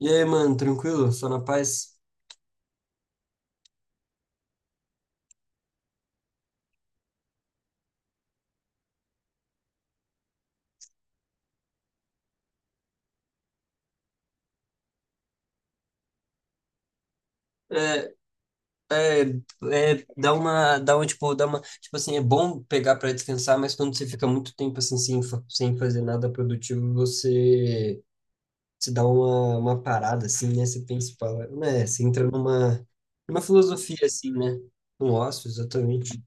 E aí, mano, tranquilo? Só na paz? É, é, é, dá uma, tipo assim, é bom pegar pra descansar, mas quando você fica muito tempo assim sem fazer nada produtivo, você se dá uma parada assim, né? Você pensa, e fala, né? Você entra numa filosofia assim, né? Um ócio, exatamente.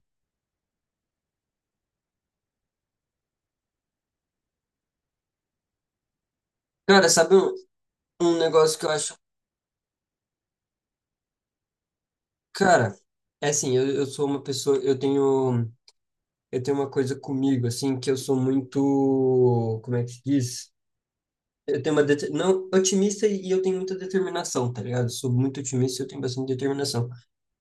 Cara, sabe um negócio que eu acho, cara, é assim, eu sou uma pessoa, eu tenho uma coisa comigo assim que eu sou muito, como é que se diz? Eu tenho não otimista e eu tenho muita determinação, tá ligado? Sou muito otimista e eu tenho bastante determinação.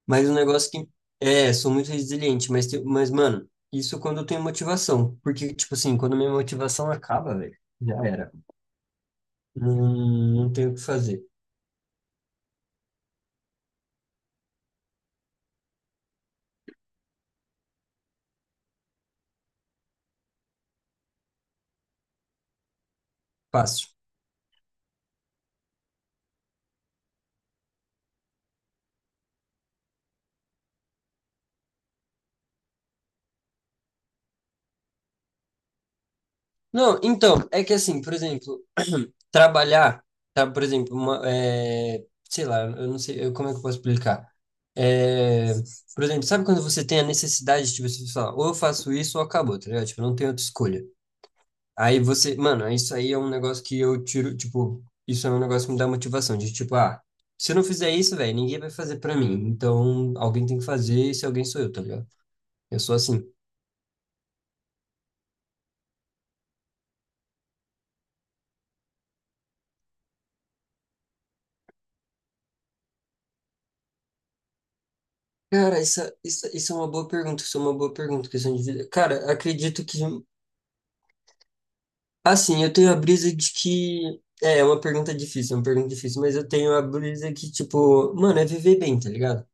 Mas o negócio que é, sou muito resiliente, mas mas mano, isso é quando eu tenho motivação, porque tipo assim, quando minha motivação acaba, velho, já era. Não, não tenho o que fazer. Fácil. Não, então, é que assim, por exemplo, trabalhar, tá, por exemplo, uma, é, sei lá, eu não sei, como é que eu posso explicar? É, por exemplo, sabe quando você tem a necessidade de você falar, ou eu faço isso ou acabou, tá ligado? Tipo, não tem outra escolha. Aí você, mano, é isso aí é um negócio que eu tiro, tipo, isso é um negócio que me dá motivação, de tipo, se eu não fizer isso, velho, ninguém vai fazer pra mim. Então, alguém tem que fazer, e se alguém sou eu, tá ligado? Eu sou assim. Cara, isso é uma boa pergunta, isso é uma boa pergunta, questão de vida. Cara, acredito que, assim, eu tenho a brisa de que, é uma pergunta difícil, é uma pergunta difícil, mas eu tenho a brisa que, tipo, mano, é viver bem, tá ligado?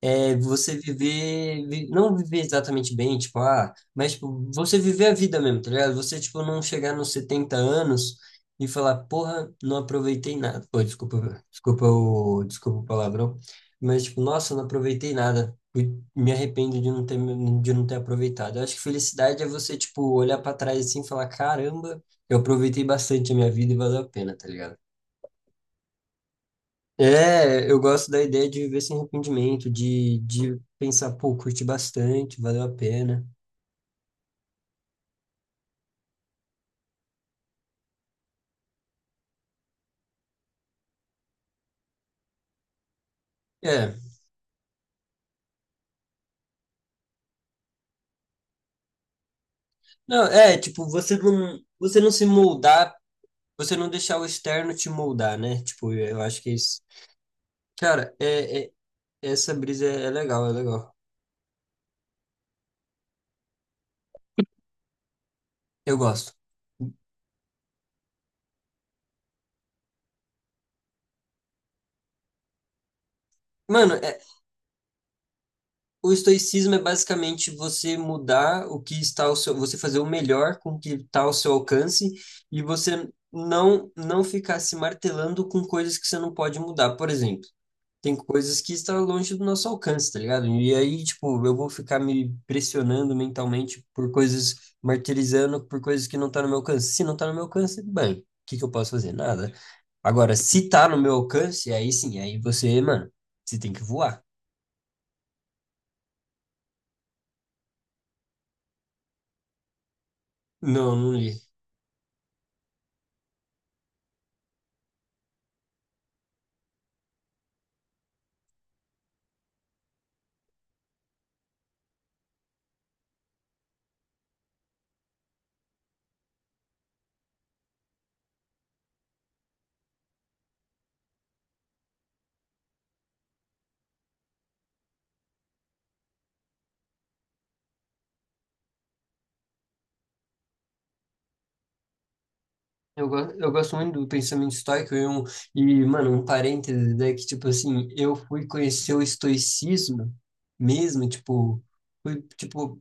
É você não viver exatamente bem, tipo, mas tipo, você viver a vida mesmo, tá ligado? Você, tipo, não chegar nos 70 anos e falar, porra, não aproveitei nada. Pô, desculpa o palavrão, mas, tipo, nossa, não aproveitei nada. Me arrependo de não ter aproveitado. Eu acho que felicidade é você, tipo, olhar pra trás assim e falar, caramba, eu aproveitei bastante a minha vida e valeu a pena, tá ligado? É, eu gosto da ideia de viver sem arrependimento, de pensar, pô, curti bastante, valeu a pena. É, não, é, tipo, você não se moldar, você não deixar o externo te moldar, né? Tipo, eu acho que é isso. Cara, essa brisa é legal, é legal. Eu gosto. Mano, o estoicismo é basicamente você mudar o que está ao seu, você fazer o melhor com o que está ao seu alcance e você não ficar se martelando com coisas que você não pode mudar. Por exemplo, tem coisas que estão longe do nosso alcance, tá ligado? E aí, tipo, eu vou ficar me pressionando mentalmente por coisas, martirizando por coisas que não tá no meu alcance. Se não tá no meu alcance, bem, o que que eu posso fazer? Nada. Agora, se tá no meu alcance, aí sim, aí você, mano, você tem que voar. Não, não li. Eu gosto muito do pensamento estoico e, mano, um parêntese, né, que, tipo assim, eu fui conhecer o estoicismo mesmo, tipo, fui, tipo,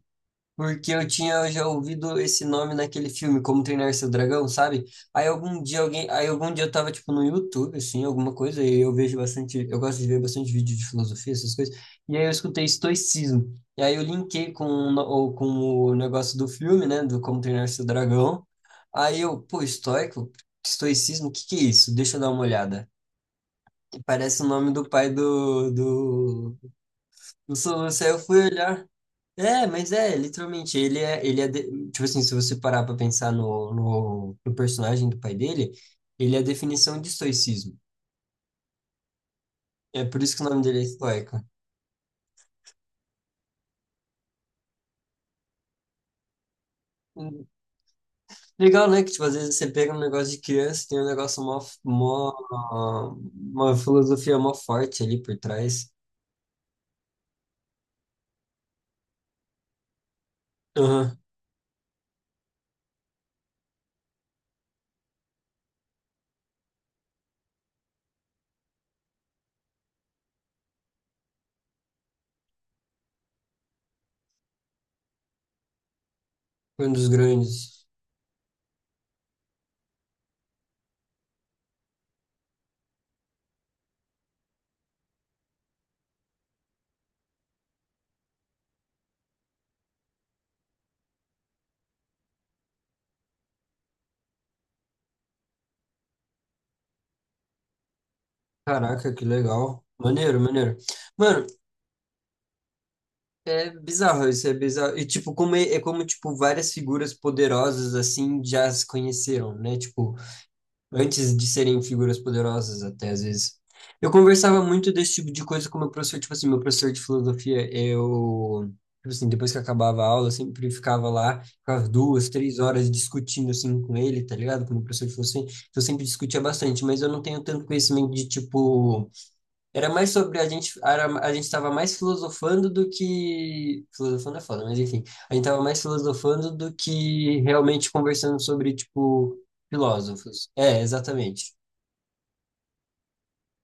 porque eu tinha já ouvido esse nome naquele filme, Como Treinar Seu Dragão, sabe? Aí algum dia eu tava tipo no YouTube, assim, alguma coisa, e eu gosto de ver bastante vídeo de filosofia, essas coisas. E aí eu escutei estoicismo. E aí eu linkei com, o no- ou com o negócio do filme, né, do Como Treinar Seu Dragão. Aí eu, pô, estoicismo, o que que é isso? Deixa eu dar uma olhada. E parece o nome do pai do do Soluço. Aí eu fui olhar. É, mas é, literalmente, tipo assim, se você parar pra pensar no personagem do pai dele, ele é a definição de estoicismo. É por isso que o nome dele é Estoica. Hum, Legal, né? Que, tipo, às vezes você pega um negócio de criança, tem um negócio mó, uma filosofia mó forte ali por trás. Aham, foi um dos grandes. Caraca, que legal. Maneiro, maneiro. Mano, é bizarro, isso é bizarro. E, tipo, é como, tipo, várias figuras poderosas, assim, já se conheceram, né? Tipo, antes de serem figuras poderosas, até, às vezes. Eu conversava muito desse tipo de coisa com meu professor, tipo assim, meu professor de filosofia, eu... Tipo assim, depois que acabava a aula, eu sempre ficava lá, ficava duas, três horas discutindo, assim, com ele, tá ligado? Com o meu professor de filosofia. Então, eu sempre discutia bastante, mas eu não tenho tanto conhecimento de, tipo... Era mais sobre a gente, a gente estava mais filosofando do que. Filosofando é foda, mas enfim. A gente estava mais filosofando do que realmente conversando sobre, tipo, filósofos. É, exatamente.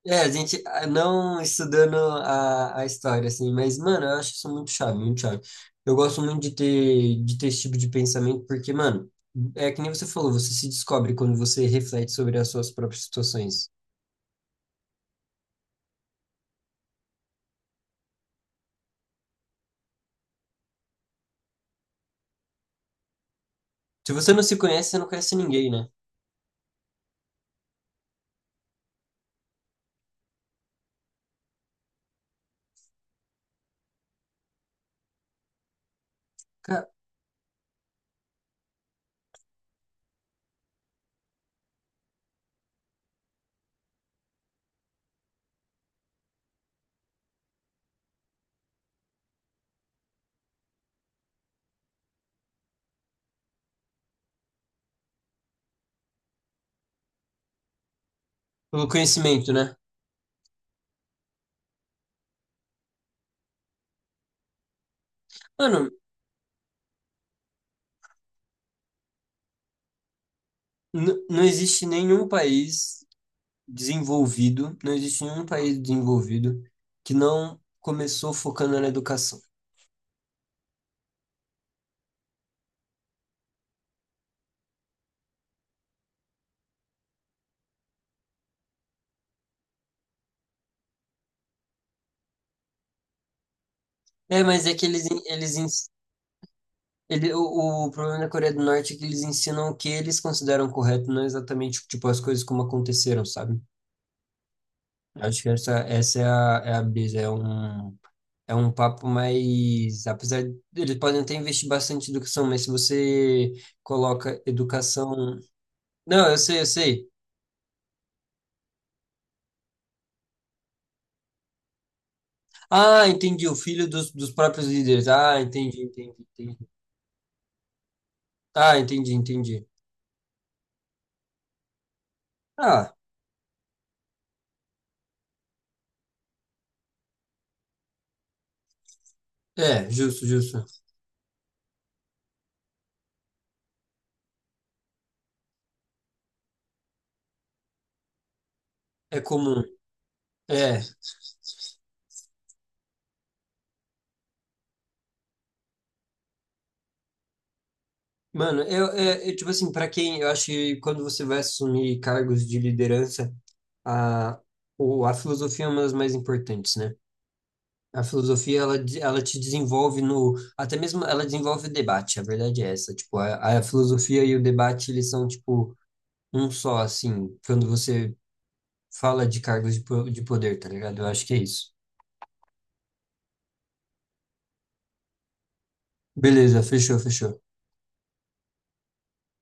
É, a gente não estudando a história, assim, mas, mano, eu acho isso muito chave, muito chave. Eu gosto muito de ter esse tipo de pensamento, porque, mano, é que nem você falou, você se descobre quando você reflete sobre as suas próprias situações. Se você não se conhece, você não conhece ninguém, né? Ca- Pelo conhecimento, né? Mano, não existe nenhum país desenvolvido, não existe nenhum país desenvolvido que não começou focando na educação. É, mas é que eles, en- eles, ens- ele, o problema da Coreia do Norte é que eles ensinam o que eles consideram correto, não exatamente, tipo, as coisas como aconteceram, sabe? Acho que essa é a brisa, é um papo mais, apesar de, eles podem até investir bastante em educação, mas se você coloca educação não, eu sei, eu sei. Ah, entendi. O filho dos próprios líderes. Ah, entendi, entendi, entendi. Ah, entendi, entendi. Ah, é, justo, justo. É comum. É. Mano, tipo assim, pra quem, eu acho que quando você vai assumir cargos de liderança, a, a filosofia é uma das mais importantes, né? A filosofia, ela te desenvolve no, até mesmo ela desenvolve o debate, a verdade é essa, tipo, a filosofia e o debate, eles são, tipo, um só, assim, quando você fala de cargos de poder, tá ligado? Eu acho que é isso. Beleza, fechou, fechou.